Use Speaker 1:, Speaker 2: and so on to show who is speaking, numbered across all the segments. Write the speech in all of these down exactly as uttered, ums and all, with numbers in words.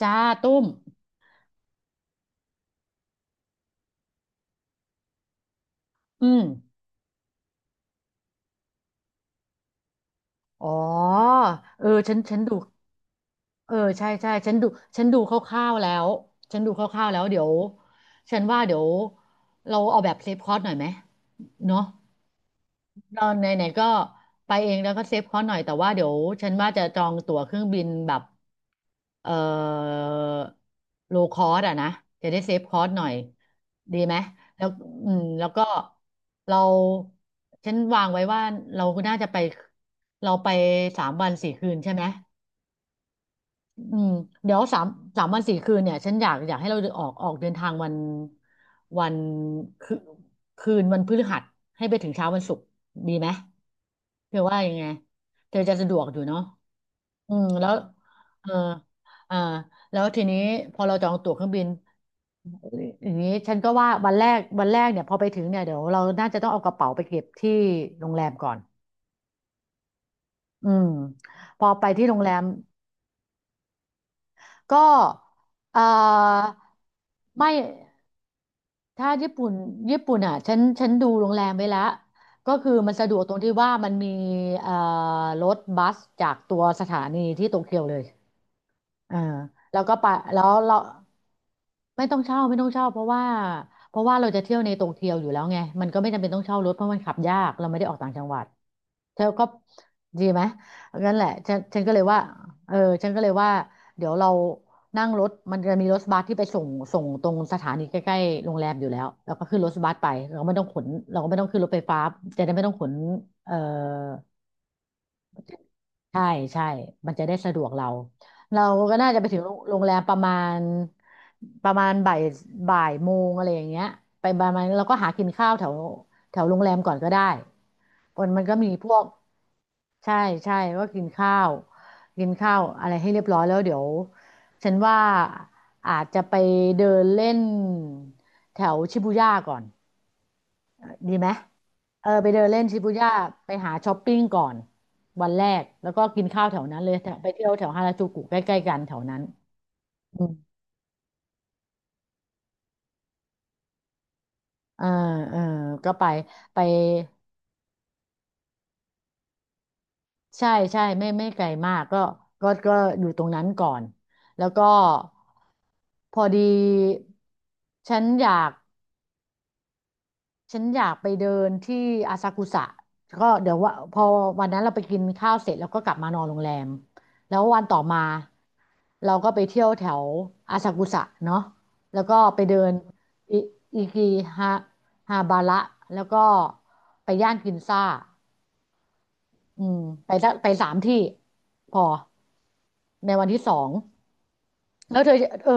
Speaker 1: จ้าตุ้ม อืม อ๋อ เออฉันฉันดู เออใช่ใช่ฉันดูฉันดูคร่าวๆแล้วฉันดูคร่าวๆแล้วเดี๋ยวฉันว่าเดี๋ยวเราเอาแบบเซฟคอร์สหน่อยไหมเนาะ ตอนไหนๆก็ไปเองแล้วก็เซฟเขาหน่อยแต่ว่าเดี๋ยวฉันว่าจะจองตั๋วเครื่องบินแบบเอ่อโลคอสอะนะจะได้เซฟคอสหน่อยดีไหมแล้วอืมแล้วก็เราฉันวางไว้ว่าเราน่าจะไปเราไปสามวันสี่คืนใช่ไหม อืมเดี๋ยวสามสามวันสี่คืนเนี่ยฉันอยากอยากให้เราออกออกเดินทางวันวันคืนคืนวันพฤหัสให้ไปถึงเช้าวันศุกร์ดีไหมเธอว่ายังไงเธอจะสะดวกอยู่เนาะอืมแล้วเอออ่าแล้วทีนี้พอเราจองตั๋วเครื่องบินอย่างนี้ฉันก็ว่าวันแรกวันแรกเนี่ยพอไปถึงเนี่ยเดี๋ยวเราน่าจะต้องเอากระเป๋าไปเก็บที่โรงแรมก่อนอืมพอไปที่โรงแรมก็เอ่อไม่ ถ้าญี่ปุ่นญี่ปุ่นอ่ะฉันฉันดูโรงแรมไว้ละก็คือมันสะดวกตรงที่ว่ามันมีเอ่อรถบัสจากตัวสถานีที่โตเกียวเลย เอ่าแล้วก็ไปแล้วเราไม่ต้องเช่าไม่ต้องเช่าเพราะว่าเพราะว่าเราจะเที่ยวในโตเกียวอยู่แล้วไงมันก็ไม่จำเป็นต้องเช่ารถเพราะมันขับยากเราไม่ได้ออกต่างจังหวัดเธอก็ดีไหมงั้นแหละฉันฉันก็เลยว่าเออฉันก็เลยว่าเดี๋ยวเรานั่งรถมันจะมีรถบัสที่ไปส่งส่งตรงสถานีใกล้ๆโรงแรมอยู่แล้วเราก็ขึ้นรถบัสไปเราก็ไม่ต้องขนเราก็ไม่ต้องขึ้นรถไฟฟ้าจะได้ไม่ต้องขนเอ่อ ใช่ใช่มันจะได้สะดวกเรา เราก็น่าจะไปถึงโรงโรงแรมประมาณประมาณบ่ายบ่ายโมงอะไรอย่างเงี้ยไปประมาณเราก็หากินข้าวแถวแถวโรงแรมก่อนก็ได้มันมันก็มีพวกใช่ใช่ก็กินข้าวกินข้าวอะไรให้เรียบร้อยแล้วเดี๋ยวฉันว่าอาจจะไปเดินเล่นแถวชิบูย่าก่อนดีไหม เออไปเดินเล่นชิบูย่าไปหาช้อปปิ้งก่อนวันแรกแล้วก็กินข้าวแถวนั้นเลยแถวไปเที่ยวแถวฮาราจูกุใกล้ๆกันแถวนั้นอืมเออเออก็ไปไปใช่ใช่ไม่ไม่ไกลมากก็ก็ก็อยู่ตรงนั้นก่อนแล้วก็พอดีฉันอยาก ฉันอยากไปเดินที่อาซากุสะก็เดี๋ยวว่าพอวันนั้นเราไปกินข้าวเสร็จแล้วก็กลับมานอนโรงแรมแล้ววันต่อมาเราก็ไปเที่ยวแถวอาซากุสะเนาะแล้วก็ไปเดินอิอิกิฮาฮาบาระแล้วก็ไปย่านกินซ่าอืมไปสักไปสามที่พอในวันที่สองแล้วเธอเออ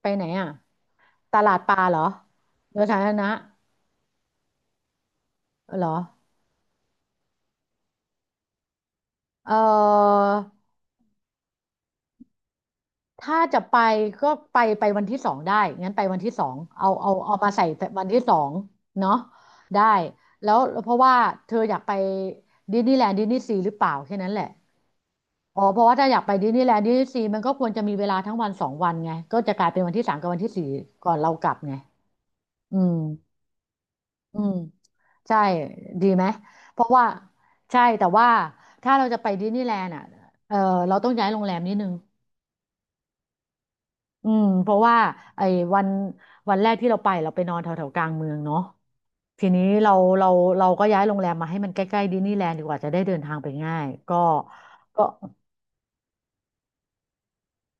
Speaker 1: ไปไหนอ่ะตลาดปลาเหรอเรือสาธารณะเหรอเออ ถ้าจะไปก็ไปไปวันที่สองได้งั้นไปวันที่สองเอาเอาเอามาใส่วันที่สองเนาะได้แล้วเพราะว่าเธออยากไปดิสนีย์แลนด์ดิสนีย์ซีหรือเปล่าแค่นั้นแหละอ๋อเพราะว่าถ้าอยากไปดิสนีย์แลนด์ดิสนีย์ซีมันก็ควรจะมีเวลาทั้งวันสองวันไง ก็จะกลายเป็นวันที่สามกับวันที่สี่ก่อนเรากลับไงอืมอืมใช่ดีไหมเพราะว่าใช่แต่ว่าถ้าเราจะไปดิสนีย์แลนด์อ่ะเออเราต้องย้ายโรงแรมนิดนึง อืมเพราะว่าไอ้วันวันแรกที่เราไปเราไปนอนแถวแถวกลางเมืองเนาะทีนี้เราเราเราก็ย้ายโรงแรมมาให้มันใกล้ๆดิสนีย์แลนด์ดีกว่าจะได้เดินทางไปง่ายก็ก็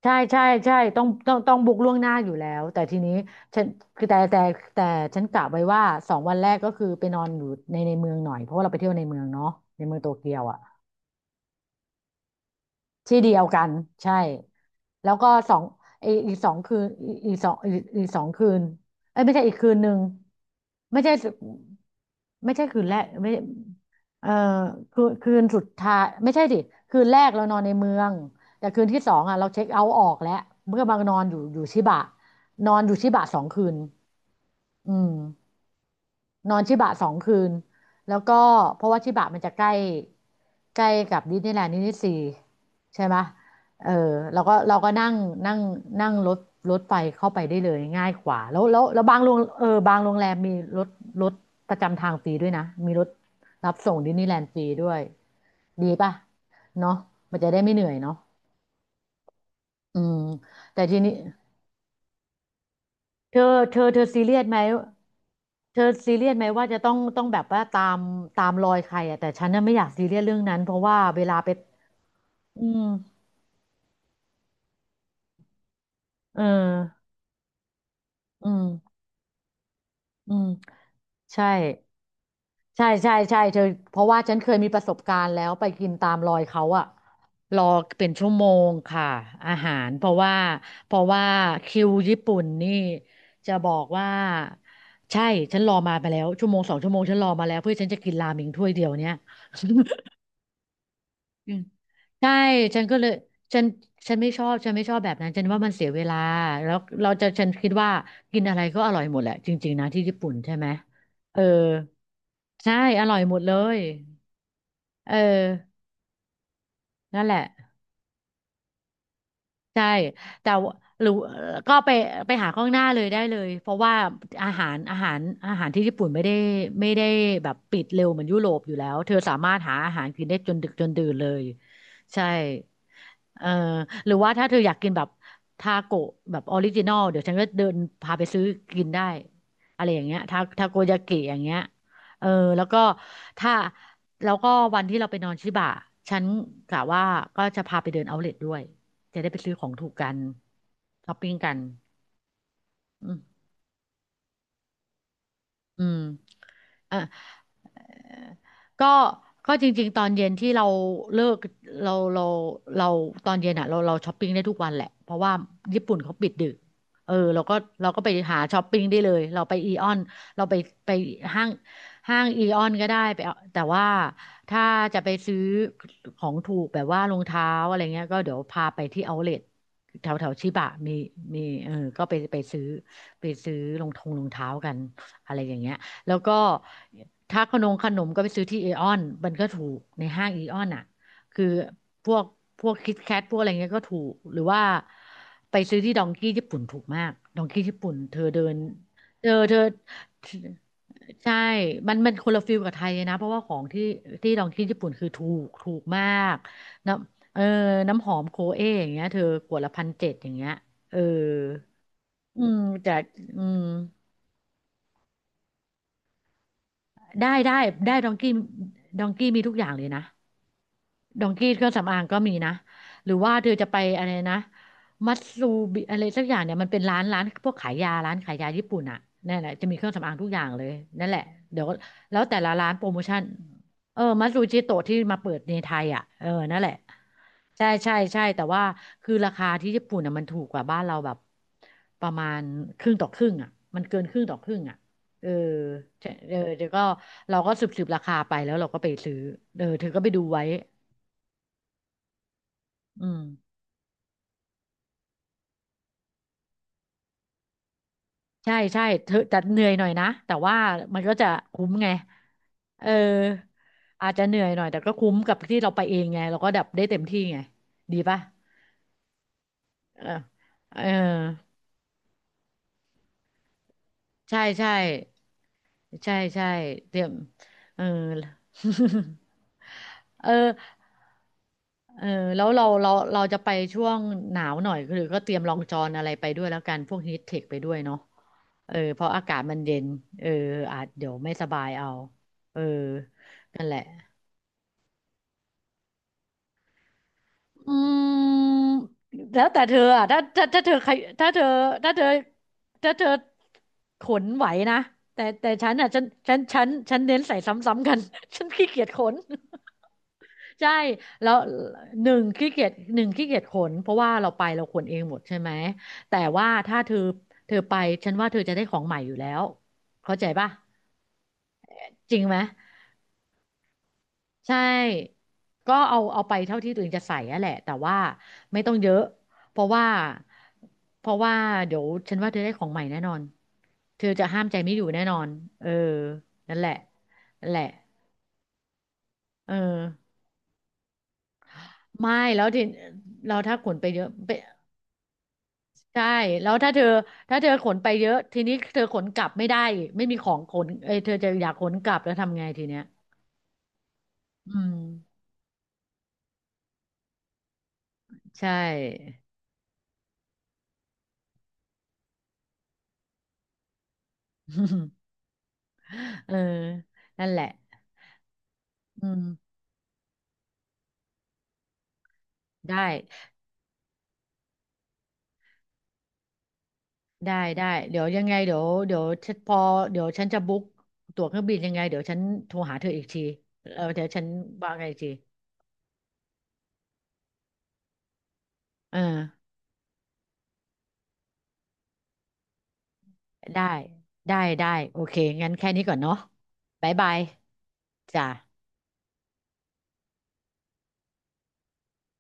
Speaker 1: ใช่ใช่ใช่ต้องต้องต้องบุ๊กล่วงหน้าอยู่แล้วแต่ทีนี้ฉันคือแต่แต่แต่ฉันกะไว้ว่าสองวันแรกก็คือไปนอนอยู่ในในเมืองหน่อยเพราะว่าเราไปเที่ยวในเมืองเนาะในเมืองโตเกียวอ่ะ ที่เดียวกันใช่แล้วก็สองไออีกสองคืนอีอีสองอีอีสองคืนเอ้ยไม่ใช่อีกคืนหนึ่งไม่ใช่ไม่ใช่คืนแรกไม่เออคืนคืนสุดท้ายไม่ใช่ดิคืนแรกเรานอนในเมืองแต่คืนที่สองอ่ะเราเช็คเอาท์ออกแล้วเมื่อมานอนอยู่อยู่ชิบะนอนอยู่ชิบะสองคืนอืม นอนชิบะสองคืนแล้วก็เพราะว่าชิบะมันจะใกล้ใกล้กับดิสนีย์แลนด์ดิสนีย์ซีใช่ไหมเออเราก็เราก็นั่งนั่งนั่งรถรถไฟเข้าไปได้เลยง่ายกว่าแล้วแล้วแล้วบางโรงเออบางโรงแรมมีรถรถประจำทางฟรีด้วยนะมีรถรับส่งดิสนีย์แลนด์ฟรีด้วยดีป่ะเนาะมันจะได้ไม่เหนื่อยเนาะอืมแต่ทีนี้เธอเธอเธอซีเรียสไหม เธอซีเรียสไหมว่าจะต้องต้องแบบว่าตามตามรอยใครอ่ะแต่ฉันน่ะไม่อยากซีเรียสเรื่องนั้นเพราะว่าเวลาไปอืมเอออืมอืมใช่ใช่ใช่ใช่เธอเพราะว่าฉันเคยมีประสบการณ์แล้วไปกินตามรอยเขาอะรอเป็นชั่วโมงค่ะอาหารเพราะว่าเพราะว่าคิวญี่ปุ่นนี่จะบอกว่าใช่ฉันรอมาไปแล้วชั่วโมงสองชั่วโมงฉันรอมาแล้วเพื่อฉันจะกินราเมงถ้วยเดียวเนี่ย อืมใช่ ฉันก็เลยฉันฉันไม่ชอบ ฉันไม่ชอบแบบนั้น ฉันว่ามันเสียเวลา แล้วเราจะฉันคิดว่ากินอะไรก็อร่อยหมดแหละ จริงๆนะที่ญี่ปุ่นใช่ไหม เออ ใช่ อร่อยหมดเลย เออ นั่นแหละ ใช่แต่ว่าหรือก็ไปไปหาข้างหน้าเลยได้เลยเพราะว่าอาหารอาหารอาหารที่ญี่ปุ่นไม่ได้ไม่ได้แบบปิดเร็วเหมือนยุโรปอยู่แล้วเธอสามารถหาอาหารกินได้จนดึกจนดื่นเลยใช่เออหรือว่าถ้าเธออยากกินแบบทาโกะแบบออริจินอลเดี๋ยวฉันก็เดินพาไปซื้อกินได้อะไรอย่างเงี้ยทาทาโกยากิอย่างเงี้ยเออแล้วก็ถ้าแล้วก็วันที่เราไปนอนชิบะฉันกะว่าก็จะพาไปเดินเอาท์เลด้วย จะได้ไปซื้อของถูกกันช้อปปิ้งกันอืมอืมอ่ะ ก็ก็จริงๆตอนเย็นที่เราเลิกเราเราเราตอนเย็นอ่ะเราเราช้อปปิ้งได้ทุกวันแหละเพราะว่าญี่ปุ่นเขาปิดดึกเออเราก็เราก็ไปหาช้อปปิ้งได้เลยเราไปอีออนเราไปไปห้างห้างอีออนก็ได้ไปเอาแต่ว่าถ้าจะไปซื้อของถูกแบบว่ารองเท้าอะไรเงี้ยก็เดี๋ยวพาไปที่เอาท์เลทแถวแถวชิบะมีมีเออก็ไปไปซื้อไปซื้อรองทงรองเท้ากันอะไรอย่างเงี้ย แล้วก็ถ้าขนมขนมก็ไปซื้อที่เอออนมันก็ถูกในห้างเอออนอ่ะคือพวกพวกคิตแคทพวกอะไรเงี้ยก็ถูกหรือว่าไปซื้อที่ดองกี้ญี่ปุ่นถูกมากดองกี้ญี่ปุ่นเธอเดินเธอเธอใช่มันมันคนละฟิลกับไทยเลยนะเพราะว่าของที่ที่ลองที่ญี่ปุ่นคือถูกถูกมากน้ำเออน้ำหอมโคเออย่างเงี้ยเธอขวดละพันเจ็ดอย่างเงี้ยเอออืมแต่อืม ได้ได้ได้ดองกี้ดองกี้มีทุกอย่างเลยนะ ดองกี้เครื่องสำอางก็มีนะหรือว่าเธอจะไปอะไรนะมัตซูบิอะไรสักอย่างเนี่ยมันเป็นร้านร้านพวกขายยาร้านขายยาญี่ปุ่นอ่ะนั่นแหละจะมีเครื่องสำอางทุกอย่างเลยนั่นแหละเดี๋ยวแล้วแต่ละร้านโปรโมชั่นเออมัตซูจิโตะที่มาเปิดในไทยอ่ะเออนั่นแหละใช่ใช่ใช่แต่ว่าคือราคาที่ญี่ปุ่นอ่ะมันถูกกว่าบ้านเราแบบประมาณครึ่งต่อครึ่งอ่ะมันเกินครึ่งต่อครึ่งอ่ะเออใช่เออเดี๋ยวก็เราก็สืบสืบราคาไปแล้วเราก็ไปซื้อเออเธอก็ไปดูไว้ อืมใช่ใช่เธอแต่เหนื่อยหน่อยนะแต่ว่ามันก็จะคุ้มไงเอออาจจะเหนื่อยหน่อยแต่ก็คุ้มกับที่เราไปเองไงเราก็ดับได้เต็มที่ไงดีป่ะเออเออใช่ใช่ใช่ใช่เตรียมเออ เออเออแล้วเราเราเราจะไปช่วงหนาวหน่อยคือก็เตรียมรองจอนอะไรไปด้วยแล้วกันพวกฮีทเทคไปด้วยเนาะเออเพราะอากาศมันเย็นเอออาจเดี๋ยวไม่สบายเอาเออนั่นแหละ อืมแล้วแต่เธออ่ะถ้าถ้าถ้าเธอใครถ้าเธอถ้าเธอถ้าเธอขนไหวนะแต่แต่ฉันอ่ะฉันฉันฉันฉันเน้นใส่ซ้ำๆกัน ฉันขี้เกียจขนใช่แล้วหนึ่งขี้เกียจหนึ่งขี้เกียจขนเพราะว่าเราไปเราขนเองหมดใช่ไหมแต่ว่าถ้าเธอเธอไปฉันว่าเธอจะได้ของใหม่อยู่แล้วเข้าใจป่ะจริงไหม ใช่ก็เอาเอาไปเท่าที่ตัวเองจะใส่อะแหละแต่ว่าไม่ต้องเยอะ เพราะว่า เพราะว่าเดี๋ยวฉันว่าเธอได้ของใหม่แน่นอน เธอจะห้ามใจไม่อยู่แน่นอนเออนั่นแหละนั่นแหละเออไม่แล้วทีเราถ้าขนไปเยอะไปใช่แล้วถ้าเธอถ้าเธอขนไปเยอะทีนี้เธอขนกลับไม่ได้ไม่มีของขนเอยเธอจะอยากขนกลับแล้วทำไงทีเนี้ยอืมใช่ เออนั่นแหละอืมได้ ได้ได้เดี๋ยวยังไงเดี๋ยวเดี๋ยวฉันพอเดี๋ยวฉันจะบุ๊กตั๋วเครื่องบินยังไงเดี๋ยวฉันโทรหาเธออีกทีเออเดี๋ยวฉันว่าไงอีกทีเออได้ได้ได้โอเคงั้นแค่นี้ก่อนเนาะบ๊ายบายจ้ะ